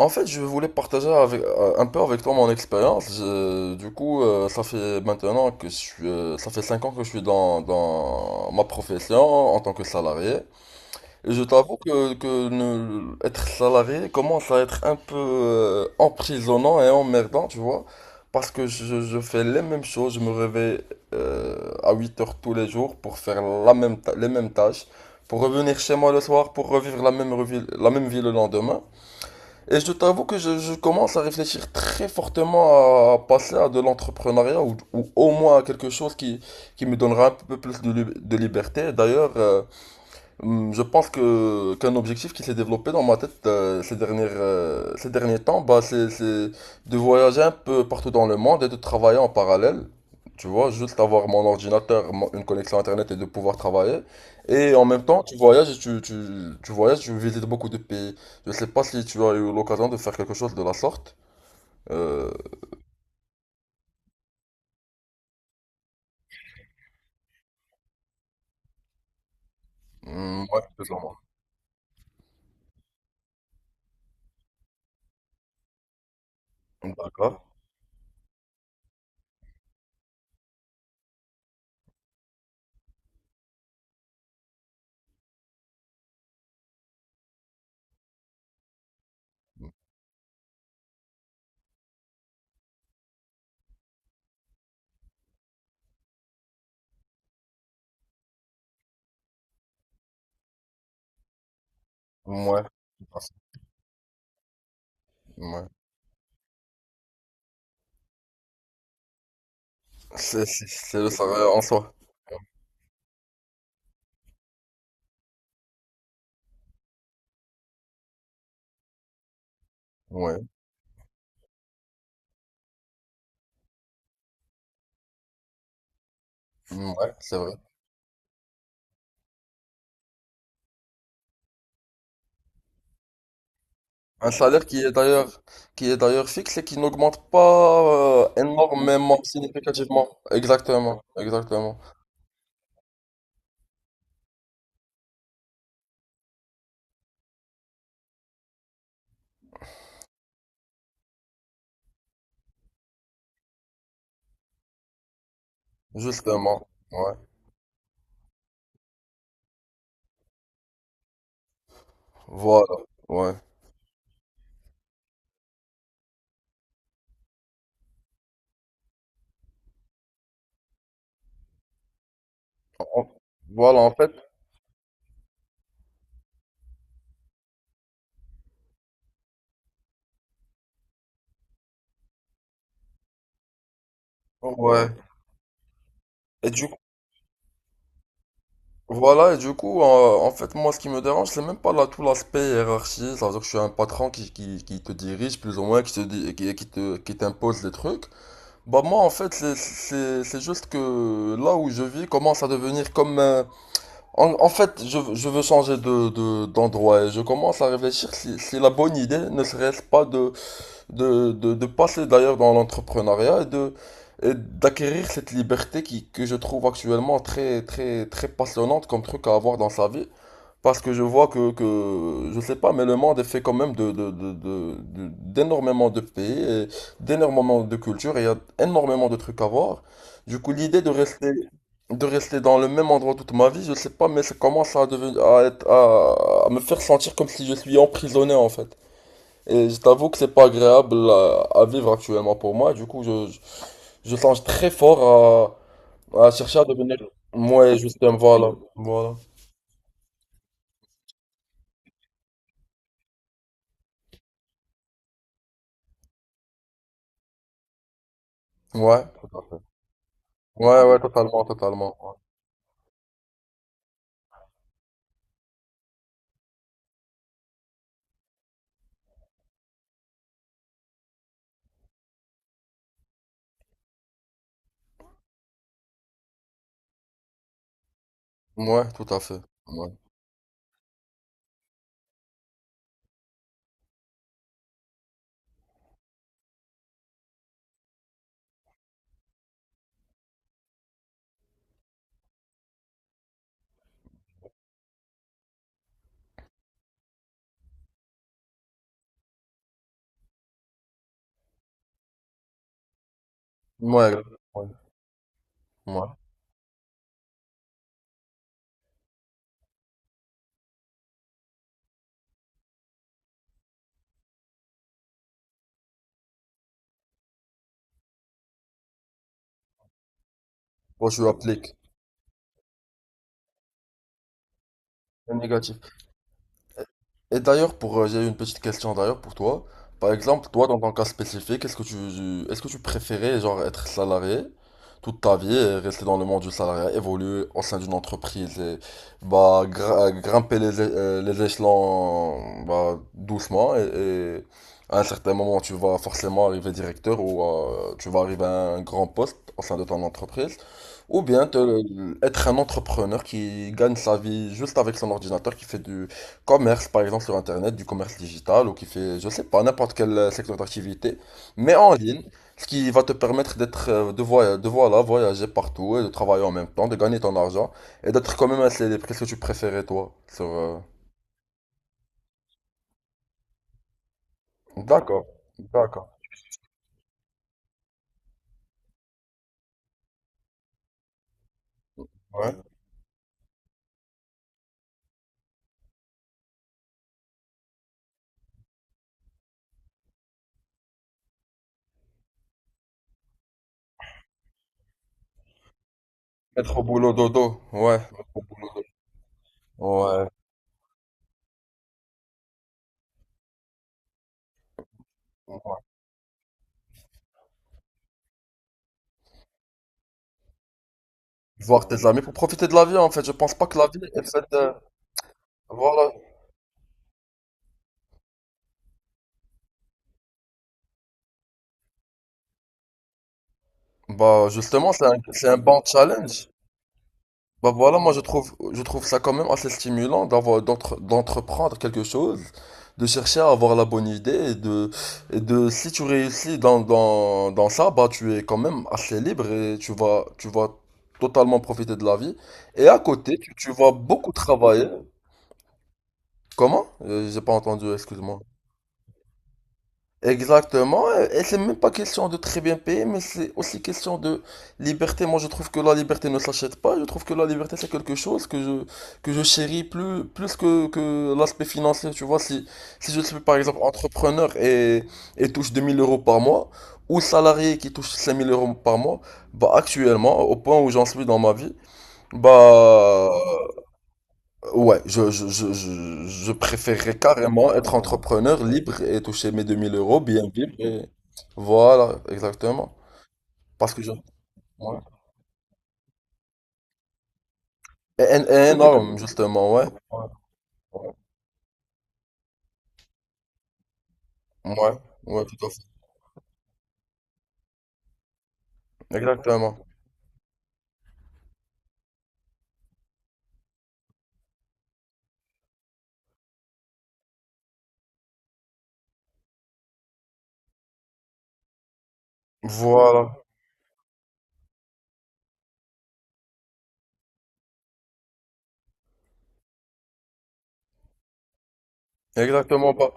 En fait, je voulais partager avec, un peu avec toi mon expérience. Du coup, ça fait 5 ans que je suis dans ma profession en tant que salarié. Et je t'avoue que ne- être salarié commence à être un peu emprisonnant et emmerdant, tu vois. Parce que je fais les mêmes choses. Je me réveille à 8 heures tous les jours pour faire les mêmes tâches. Pour revenir chez moi le soir, pour revivre la même vie le lendemain. Et je t'avoue que je commence à réfléchir très fortement à passer à de l'entrepreneuriat ou au moins à quelque chose qui me donnera un peu plus de liberté. D'ailleurs, je pense que qu'un objectif qui s'est développé dans ma tête ces derniers temps, bah, c'est de voyager un peu partout dans le monde et de travailler en parallèle. Tu vois, juste avoir mon ordinateur, une connexion Internet et de pouvoir travailler. Et en même temps, tu voyages et tu voyages, tu visites beaucoup de pays. Je sais pas si tu as eu l'occasion de faire quelque chose de la sorte. Euh, ouais, plus ou moins. D'accord. Ouais. Ouais. C'est le Sahara en soi. Ouais. Ouais, c'est vrai. Un salaire qui est d'ailleurs fixe et qui n'augmente pas énormément, significativement. Exactement, exactement. Justement. Ouais. Voilà. Ouais. En- Voilà, en fait. Ouais. Et du voilà, et du coup, en fait, moi, ce qui me dérange, c'est même pas là tout l'aspect hiérarchie. C'est-à-dire que je suis un patron qui te dirige plus ou moins, qui te dit, qui t'impose des trucs. Bah moi, en fait, c'est juste que là où je vis commence à devenir comme. En fait, je veux changer d'endroit et je commence à réfléchir si la bonne idée ne serait-ce pas de passer d'ailleurs dans l'entrepreneuriat et d'acquérir cette liberté que je trouve actuellement très, très, très passionnante comme truc à avoir dans sa vie. Parce que je vois je sais pas, mais le monde est fait quand même d'énormément de pays et d'énormément de cultures et il y a énormément de trucs à voir. Du coup, l'idée de rester dans le même endroit toute ma vie, je sais pas, mais ça commence à devenir, à me faire sentir comme si je suis emprisonné en fait. Et je t'avoue que c'est pas agréable à vivre actuellement pour moi. Du coup, je songe très fort à chercher à devenir moi Justin. Voilà, voilà. Ouais, tout à fait. Ouais, ouais, totalement, totalement. Ouais, ouais, tout à fait. Ouais, ouais, ouais. Ouais. Moi, je l'applique. C'est négatif. Et d'ailleurs, j'ai une petite question d'ailleurs pour toi. Par exemple, toi, dans ton cas spécifique, est-ce que tu préférais genre être salarié toute ta vie et rester dans le monde du salariat, évoluer au sein d'une entreprise et bah grimper les échelons bah, doucement et à un certain moment, tu vas forcément arriver directeur ou tu vas arriver à un grand poste au sein de ton entreprise. Ou bien être un entrepreneur qui gagne sa vie juste avec son ordinateur, qui fait du commerce, par exemple, sur Internet, du commerce digital, ou qui fait, je sais pas, n'importe quel secteur d'activité, mais en ligne, ce qui va te permettre d'être, de voya- de voilà, voyager partout et de travailler en même temps, de gagner ton argent et d'être quand même un célèbre. Qu'est-ce que tu préférais, toi, sur, D'accord, d'accord, ouais. Être au boulot dodo, ouais. Être au boulot dodo. Ouais, voir tes amis pour profiter de la vie en fait. Je pense pas que la vie est faite, voilà. Bah justement c'est un bon challenge. Bah voilà, moi je trouve ça quand même assez stimulant d'entreprendre quelque chose, de chercher à avoir la bonne idée et de si tu réussis dans ça, bah tu es quand même assez libre et tu vas totalement profiter de la vie. Et à côté, tu vas beaucoup travailler. Comment? J'ai pas entendu, excuse-moi. Exactement, et c'est même pas question de très bien payer, mais c'est aussi question de liberté. Moi, je trouve que la liberté ne s'achète pas. Je trouve que la liberté, c'est quelque chose que je chéris plus, plus que l'aspect financier. Tu vois, si je suis par exemple entrepreneur et touche 2000 € par mois, ou salarié qui touche 5000 € par mois, bah, actuellement, au point où j'en suis dans ma vie, bah, ouais, je préférerais carrément être entrepreneur libre et toucher mes 2000 euros, bien vivre. Voilà, exactement. Parce que je. Ouais. Et énorme, justement, ouais. Ouais, ouais, tout à fait. Exactement. Voilà. Exactement pas.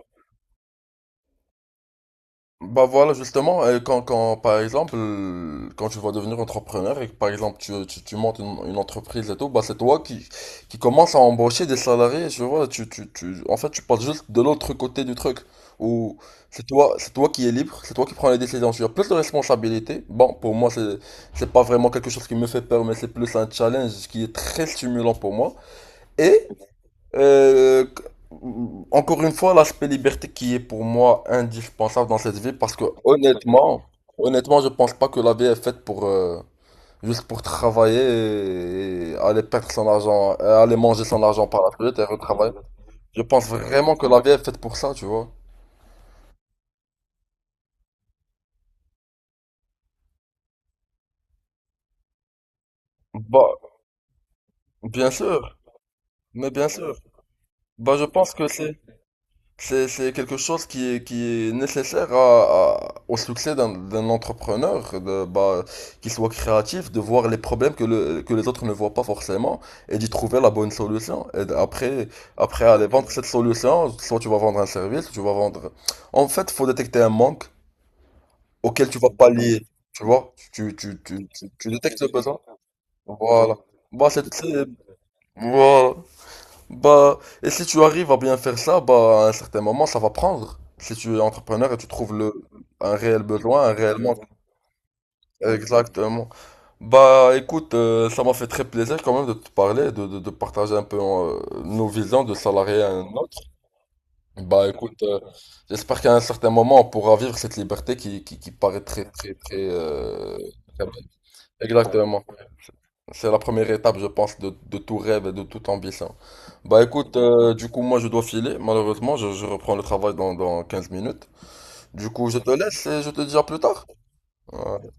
Bah voilà, justement, par exemple, quand tu vas devenir entrepreneur et que, par exemple, tu montes une entreprise et tout, bah c'est toi qui commence à embaucher des salariés, tu vois, en fait, tu passes juste de l'autre côté du truc, où c'est toi qui es libre, c'est toi qui prends les décisions, tu as plus de responsabilités. Bon, pour moi, c'est pas vraiment quelque chose qui me fait peur, mais c'est plus un challenge qui est très stimulant pour moi. Et, euh, encore une fois, l'aspect liberté qui est pour moi indispensable dans cette vie parce que honnêtement, honnêtement, je pense pas que la vie est faite pour juste pour travailler et aller perdre son argent, et aller manger son argent par la fenêtre et retravailler. Je pense vraiment que la vie est faite pour ça, tu vois. Bah, bien sûr, mais bien sûr. Bah, je pense c'est quelque chose qui est nécessaire au succès d'un entrepreneur, de, bah, qu'il soit créatif, de voir les problèmes que les autres ne voient pas forcément et d'y trouver la bonne solution. Après, aller vendre cette solution, soit tu vas vendre un service, tu vas vendre. En fait, faut détecter un manque auquel tu vas pallier, tu vois? Tu détectes le besoin. Voilà. Bah, voilà. Bah, et si tu arrives à bien faire ça, bah, à un certain moment, ça va prendre. Si tu es entrepreneur et tu trouves un réel besoin, un réel manque. Exactement. Bah, écoute, ça m'a fait très plaisir quand même de te parler, de partager un peu nos visions de salarié à un autre. Bah, écoute, j'espère qu'à un certain moment, on pourra vivre cette liberté qui paraît très, très, très belle. Exactement. C'est la première étape, je pense, de tout rêve et de toute ambition. Bah écoute, du coup, moi je dois filer. Malheureusement, je reprends le travail dans 15 minutes. Du coup, je te laisse et je te dis à plus tard. Euh,